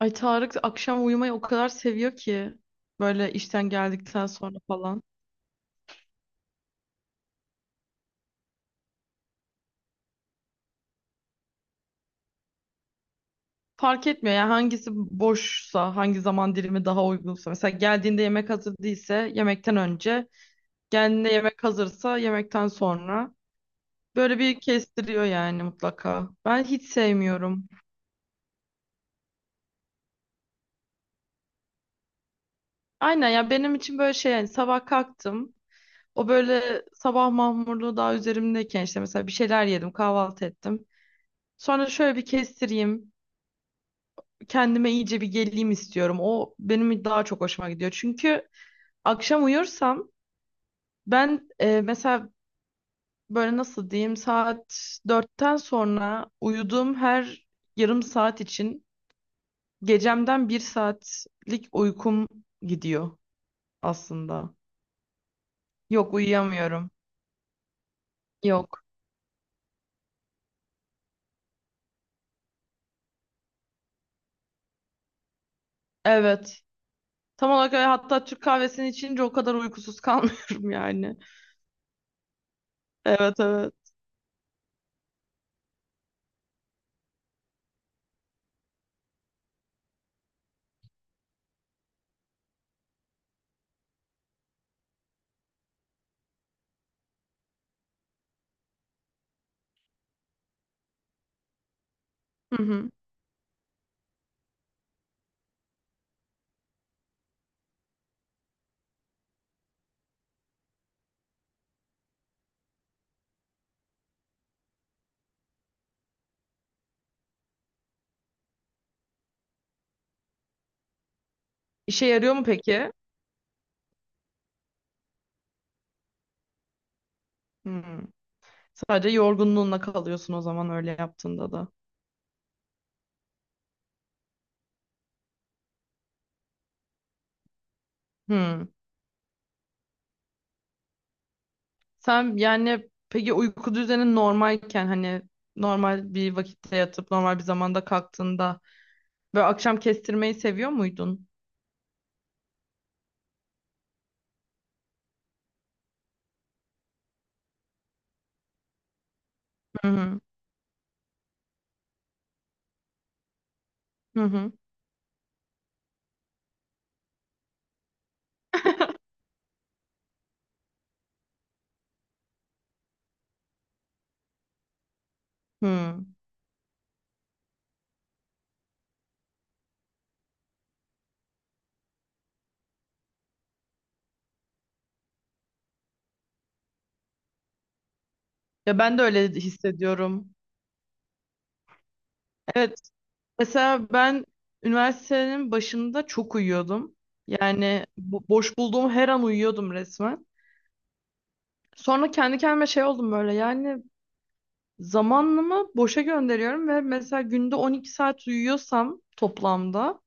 Ay Tarık akşam uyumayı o kadar seviyor ki böyle işten geldikten sonra falan. Fark etmiyor yani hangisi boşsa, hangi zaman dilimi daha uygunsa. Mesela geldiğinde yemek hazır değilse yemekten önce, geldiğinde yemek hazırsa yemekten sonra. Böyle bir kestiriyor yani mutlaka. Ben hiç sevmiyorum. Aynen ya benim için böyle şey yani sabah kalktım. O böyle sabah mahmurluğu daha üzerimdeyken işte mesela bir şeyler yedim, kahvaltı ettim. Sonra şöyle bir kestireyim, kendime iyice bir geleyim istiyorum. O benim daha çok hoşuma gidiyor. Çünkü akşam uyursam ben mesela böyle nasıl diyeyim saat dörtten sonra uyuduğum her yarım saat için gecemden bir saatlik uykum gidiyor aslında. Yok uyuyamıyorum. Yok. Evet. Tam olarak öyle. Hatta Türk kahvesini içince o kadar uykusuz kalmıyorum yani. Evet evet. Hı hı. İşe yarıyor mu peki? Hı. Sadece yorgunluğunla kalıyorsun o zaman öyle yaptığında da. Hmm. Sen yani peki uyku düzenin normalken hani normal bir vakitte yatıp normal bir zamanda kalktığında böyle akşam kestirmeyi seviyor muydun? Hı hı. Hı hı. Hmm. Ya ben de öyle hissediyorum. Evet, mesela ben üniversitenin başında çok uyuyordum. Yani boş bulduğum her an uyuyordum resmen. Sonra kendi kendime şey oldum böyle yani zamanımı boşa gönderiyorum ve mesela günde 12 saat uyuyorsam toplamda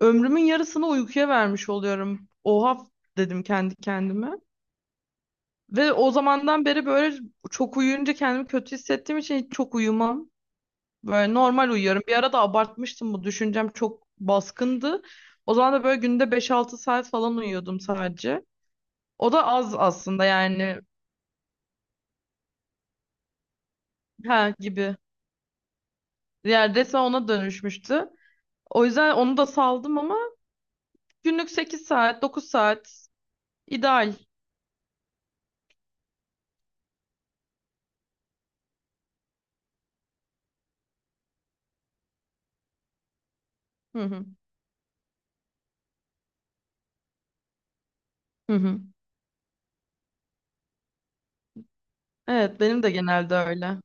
ömrümün yarısını uykuya vermiş oluyorum. Oha dedim kendi kendime. Ve o zamandan beri böyle çok uyuyunca kendimi kötü hissettiğim için hiç çok uyumam. Böyle normal uyuyorum. Bir ara da abartmıştım, bu düşüncem çok baskındı. O zaman da böyle günde 5-6 saat falan uyuyordum sadece. O da az aslında yani. Ha gibi. Yani resmen ona dönüşmüştü. O yüzden onu da saldım ama günlük 8 saat, 9 saat ideal. Hı hı. Hı hı. Evet, benim de genelde öyle.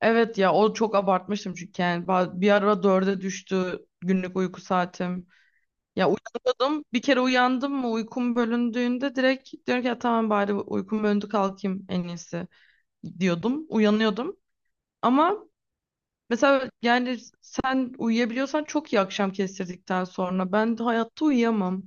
Evet ya, o çok abartmıştım çünkü yani bir ara dörde düştü günlük uyku saatim. Ya uyandım, bir kere uyandım mı, uykum bölündüğünde direkt diyorum ki ya tamam bari uykum bölündü kalkayım en iyisi diyordum. Uyanıyordum ama mesela yani sen uyuyabiliyorsan çok iyi, akşam kestirdikten sonra ben hayatta uyuyamam.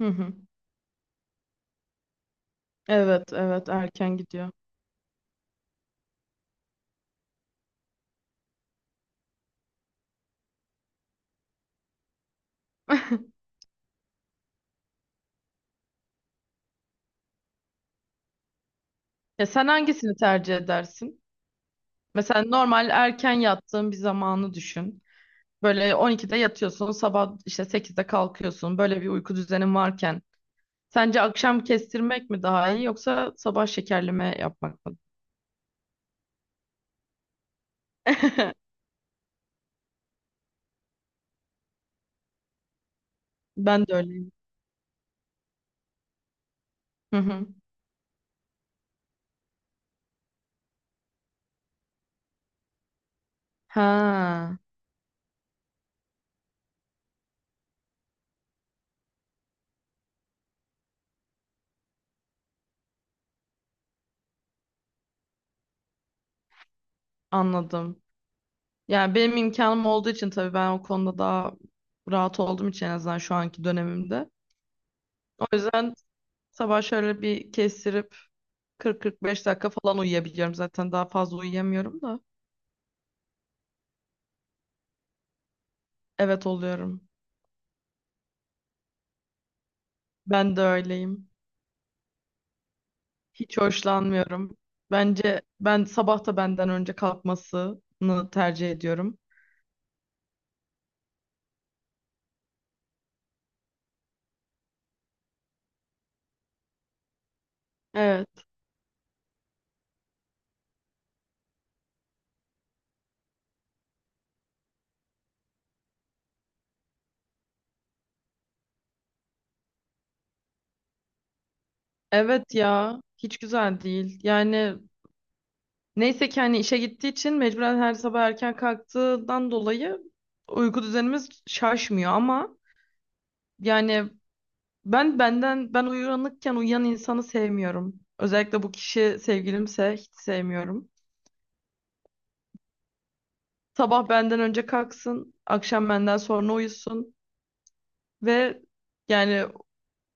Hı hı. Evet evet erken gidiyor. Ya sen hangisini tercih edersin? Mesela normal erken yattığın bir zamanı düşün. Böyle 12'de yatıyorsun, sabah işte 8'de kalkıyorsun. Böyle bir uyku düzenin varken. Sence akşam kestirmek mi daha iyi yoksa sabah şekerleme yapmak mı? Ben de öyleyim. Hı hı. Ha, anladım. Yani benim imkanım olduğu için tabii ben o konuda daha rahat olduğum için en azından şu anki dönemimde. O yüzden sabah şöyle bir kestirip 40-45 dakika falan uyuyabiliyorum zaten. Daha fazla uyuyamıyorum da. Evet oluyorum. Ben de öyleyim. Hiç hoşlanmıyorum. Bence ben sabah da benden önce kalkmasını tercih ediyorum. Evet. Evet ya. Hiç güzel değil. Yani neyse ki hani işe gittiği için mecburen her sabah erken kalktığından dolayı uyku düzenimiz şaşmıyor ama yani ben uyanıkken uyuyan insanı sevmiyorum. Özellikle bu kişi sevgilimse hiç sevmiyorum. Sabah benden önce kalksın, akşam benden sonra uyusun ve yani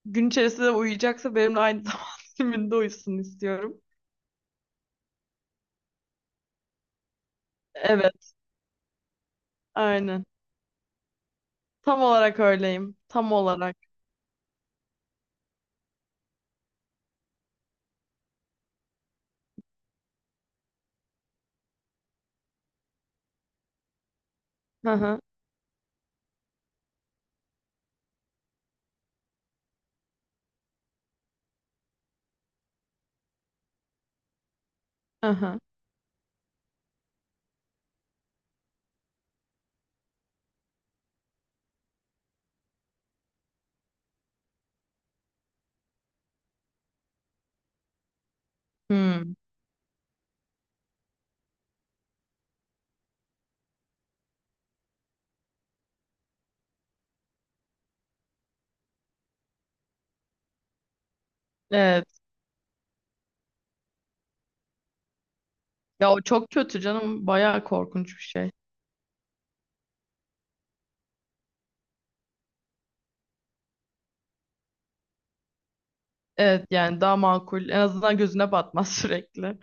gün içerisinde uyuyacaksa benimle aynı zaman diliminde uyusun istiyorum. Evet, aynen. Tam olarak öyleyim. Tam olarak. Hı hı. Hı hı. Hmm. Evet. Ya o çok kötü canım. Bayağı korkunç bir şey. Evet yani daha makul. En azından gözüne batmaz sürekli.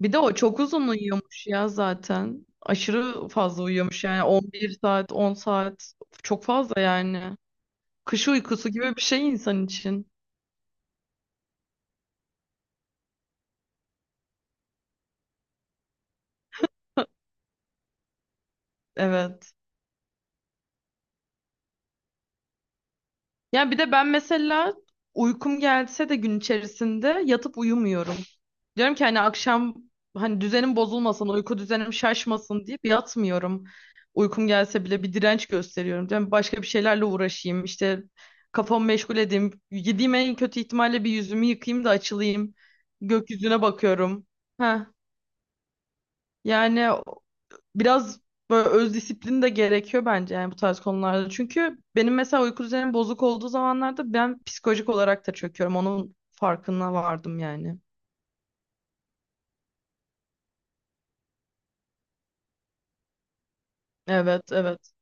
Bir de o çok uzun uyuyormuş ya zaten. Aşırı fazla uyuyormuş yani 11 saat, 10 saat. Çok fazla yani. Kış uykusu gibi bir şey insan için. Evet. Ya bir de ben mesela uykum gelse de gün içerisinde yatıp uyumuyorum. Diyorum ki hani akşam hani düzenim bozulmasın, uyku düzenim şaşmasın deyip yatmıyorum. Uykum gelse bile bir direnç gösteriyorum. Diyorum başka bir şeylerle uğraşayım. İşte kafamı meşgul edeyim. Yediğim en kötü ihtimalle bir yüzümü yıkayayım da açılayım. Gökyüzüne bakıyorum. Heh. Yani biraz böyle öz disiplin de gerekiyor bence yani bu tarz konularda. Çünkü benim mesela uyku düzenim bozuk olduğu zamanlarda ben psikolojik olarak da çöküyorum. Onun farkına vardım yani. Evet, evet.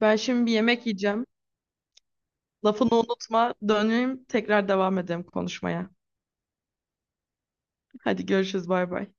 Ben şimdi bir yemek yiyeceğim. Lafını unutma. Döneyim tekrar devam edelim konuşmaya. Hadi görüşürüz. Bay bay.